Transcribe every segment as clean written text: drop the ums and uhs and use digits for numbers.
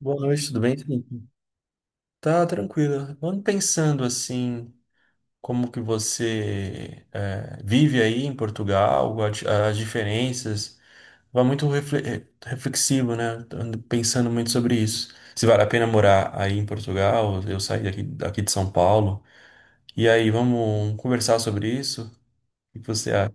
Boa noite, tudo bem? Felipe? Tá tranquilo. Vamos pensando assim, como que você vive aí em Portugal, as diferenças. Vai muito reflexivo, né? Ando pensando muito sobre isso. Se vale a pena morar aí em Portugal, eu sair daqui de São Paulo. E aí, vamos conversar sobre isso? O que você acha?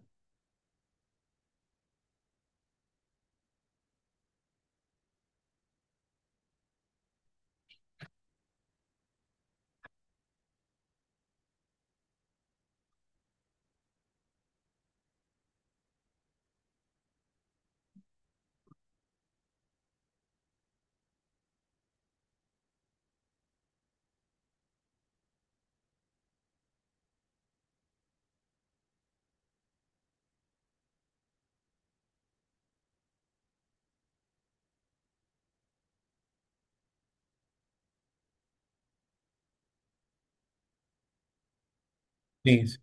Sim, sim.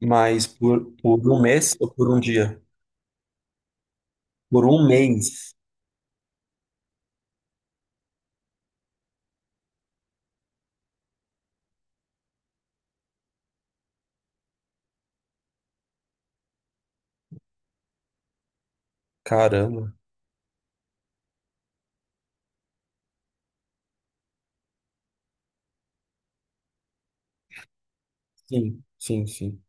Mas por um mês ou por um dia? Por um mês. Caramba. Sim, sim, sim.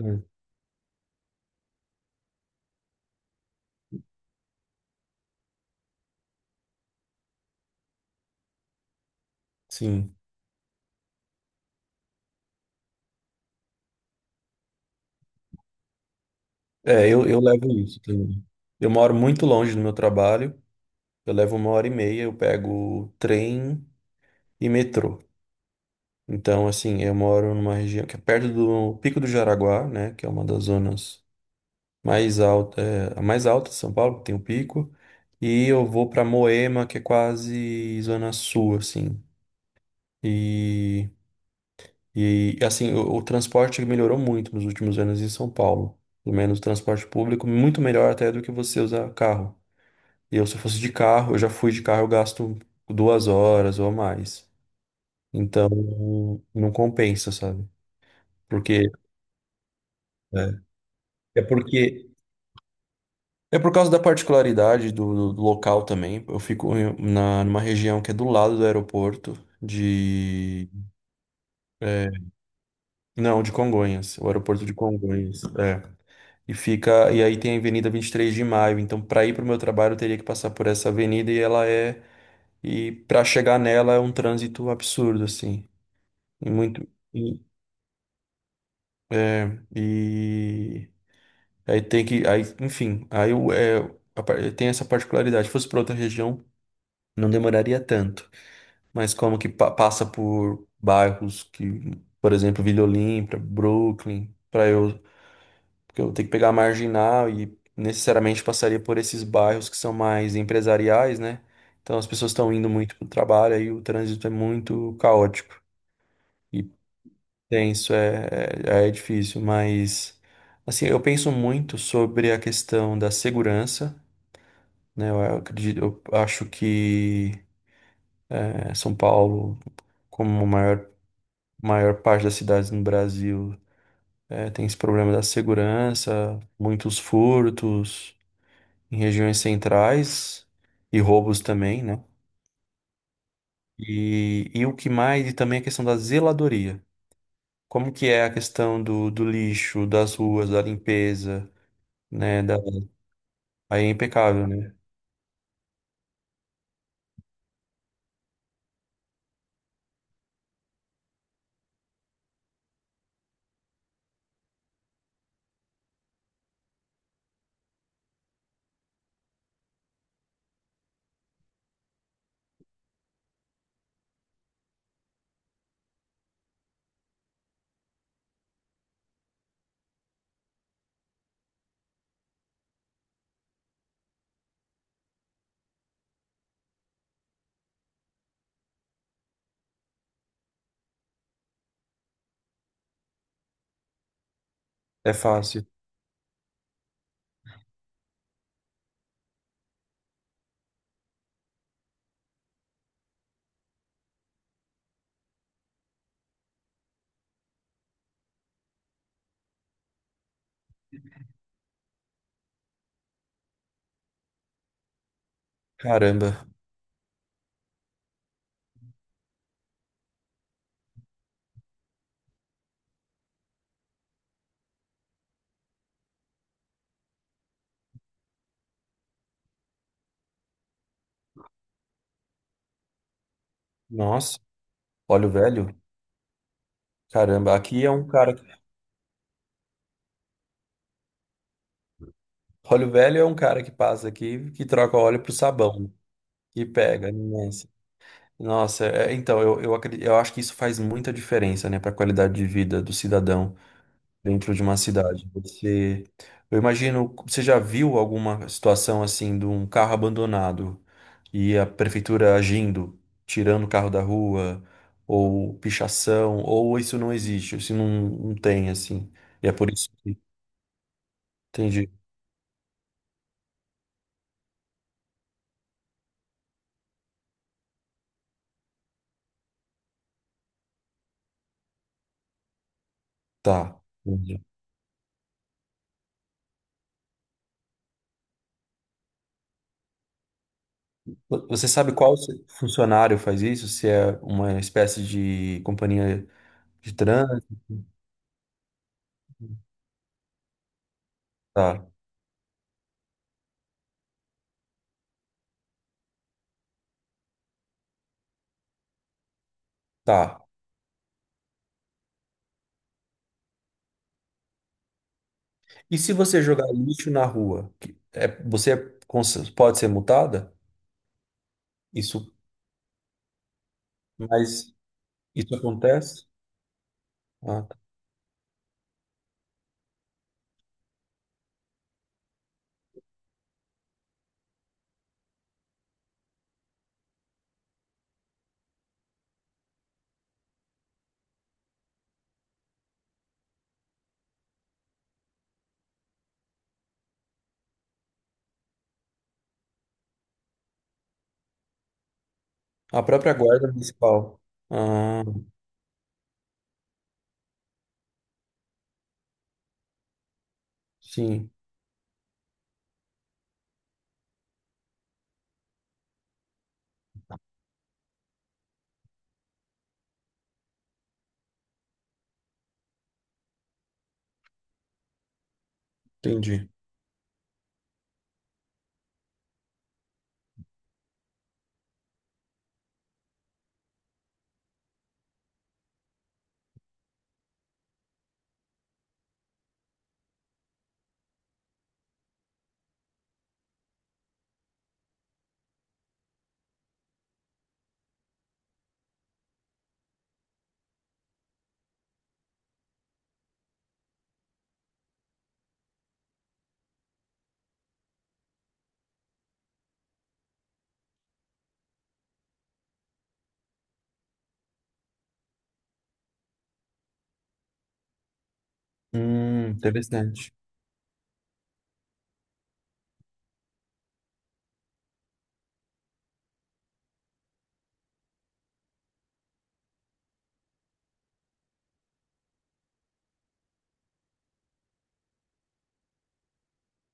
Hum. Sim. É, eu levo isso também. Eu moro muito longe do meu trabalho, eu levo uma hora e meia, eu pego trem e metrô. Então, assim, eu moro numa região que é perto do Pico do Jaraguá, né, que é uma das zonas a mais alta de São Paulo, que tem o pico, e eu vou para Moema, que é quase zona sul, assim. E, e assim, o transporte melhorou muito nos últimos anos em São Paulo. Pelo menos o transporte público, muito melhor até do que você usar carro. Eu, se eu fosse de carro, eu já fui de carro, eu gasto duas horas ou mais. Então, não compensa, sabe? Porque é, é porque é por causa da particularidade do local também. Eu fico numa região que é do lado do aeroporto de é, não, de Congonhas, o aeroporto de Congonhas, é. E fica, e aí tem a Avenida 23 de Maio, então para ir para o meu trabalho eu teria que passar por essa avenida e ela é e para chegar nela é um trânsito absurdo assim. E muito. E, é, e aí tem que. Aí, enfim, aí o- é, a par- tem essa particularidade. Se fosse para outra região, não demoraria tanto. Mas como que passa por bairros que, por exemplo, Vila Olímpia, Brooklyn, para eu. Porque eu vou ter que pegar a marginal e necessariamente passaria por esses bairros que são mais empresariais, né? Então as pessoas estão indo muito para o trabalho, aí o trânsito é muito caótico. Tenso, é difícil, mas assim, eu penso muito sobre a questão da segurança, né? Eu acredito, eu acho que São Paulo, como maior parte das cidades no Brasil, é, tem esse problema da segurança, muitos furtos em regiões centrais e roubos também, né? E o que mais, e também a questão da zeladoria. Como que é a questão do lixo, das ruas, da limpeza, né? Aí é impecável, né? É fácil. Caramba. Nossa, óleo velho? Caramba, aqui é um cara que- Óleo velho é um cara que passa aqui que troca óleo pro sabão, né? E pega. Nossa. Nossa, é, então eu acredito, eu acho que isso faz muita diferença, né, para a qualidade de vida do cidadão dentro de uma cidade. Você, eu imagino, você já viu alguma situação assim de um carro abandonado e a prefeitura agindo, tirando o carro da rua, ou pichação, ou isso não existe, não tem assim. E é por isso que entendi. Tá. Entendi. Você sabe qual funcionário faz isso? Se é uma espécie de companhia de trânsito? Tá, tá. E se você jogar lixo na rua, que é, você é pode ser multada? Isso, mas isso acontece? Ah, tá. A própria guarda municipal. Ah, sim, entendi. Interessante.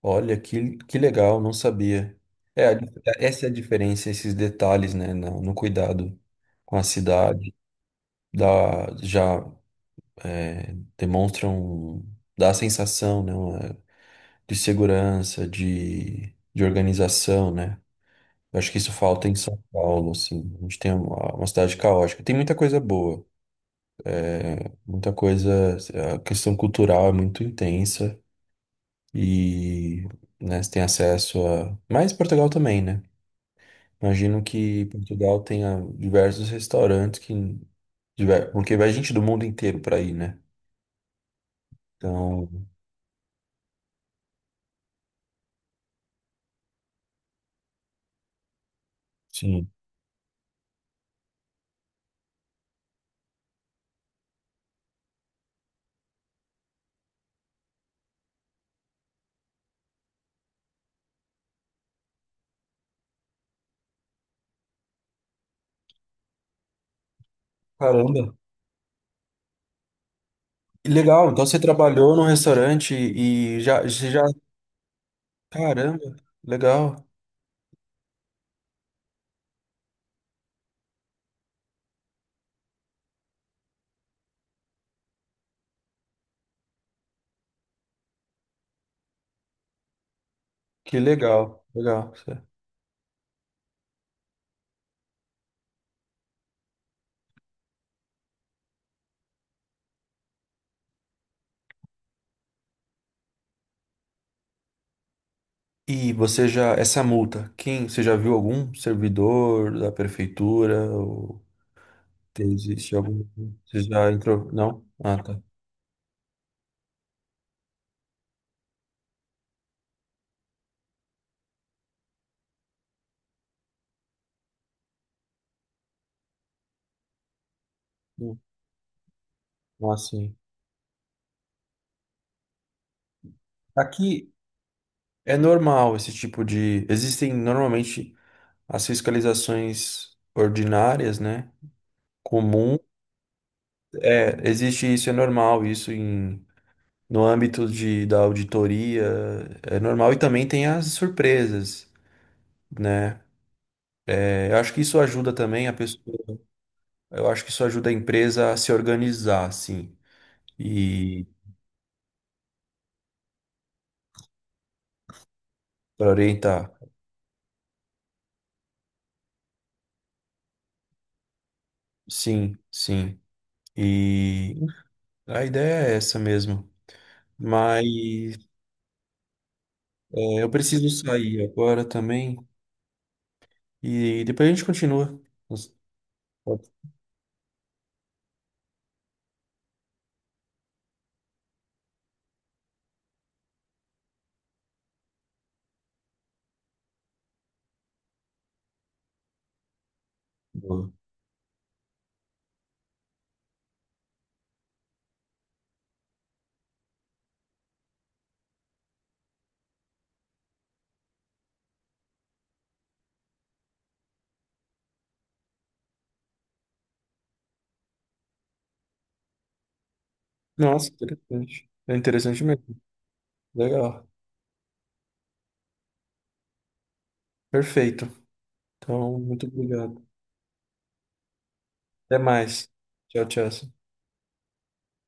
Olha, que legal, não sabia. É, essa é a diferença, esses detalhes, né, no cuidado com a cidade, da, já é, demonstram, dá a sensação, né, de segurança, de organização, né? Eu acho que isso falta em São Paulo, assim. A gente tem uma cidade caótica. Tem muita coisa boa, muita coisa. A questão cultural é muito intensa e, né, você tem acesso a. Mas Portugal também, né? Imagino que Portugal tenha diversos restaurantes que. Porque vai gente do mundo inteiro para ir, né? Então, sim. Caramba. Que legal, então você trabalhou num restaurante e já, você já caramba, legal. Que legal, legal, certo. E você já, essa multa, quem, você já viu algum servidor da prefeitura ou existe algum? Você já entrou? Não? Ah, tá. Hum. Ah, sim. Aqui é normal esse tipo de, existem normalmente as fiscalizações ordinárias, né? Comum, é, existe isso, é normal isso em no âmbito de, da auditoria, é normal e também tem as surpresas, né? É, eu acho que isso ajuda também a pessoa, eu acho que isso ajuda a empresa a se organizar, sim, e para orientar. Sim, sim. E a ideia é essa mesmo. Mas é, eu preciso sair agora também e depois a gente continua. Nossa, pode. Nossa, interessante. É interessante mesmo. Legal. Perfeito. Então, muito obrigado. Até mais. Tchau, tchau.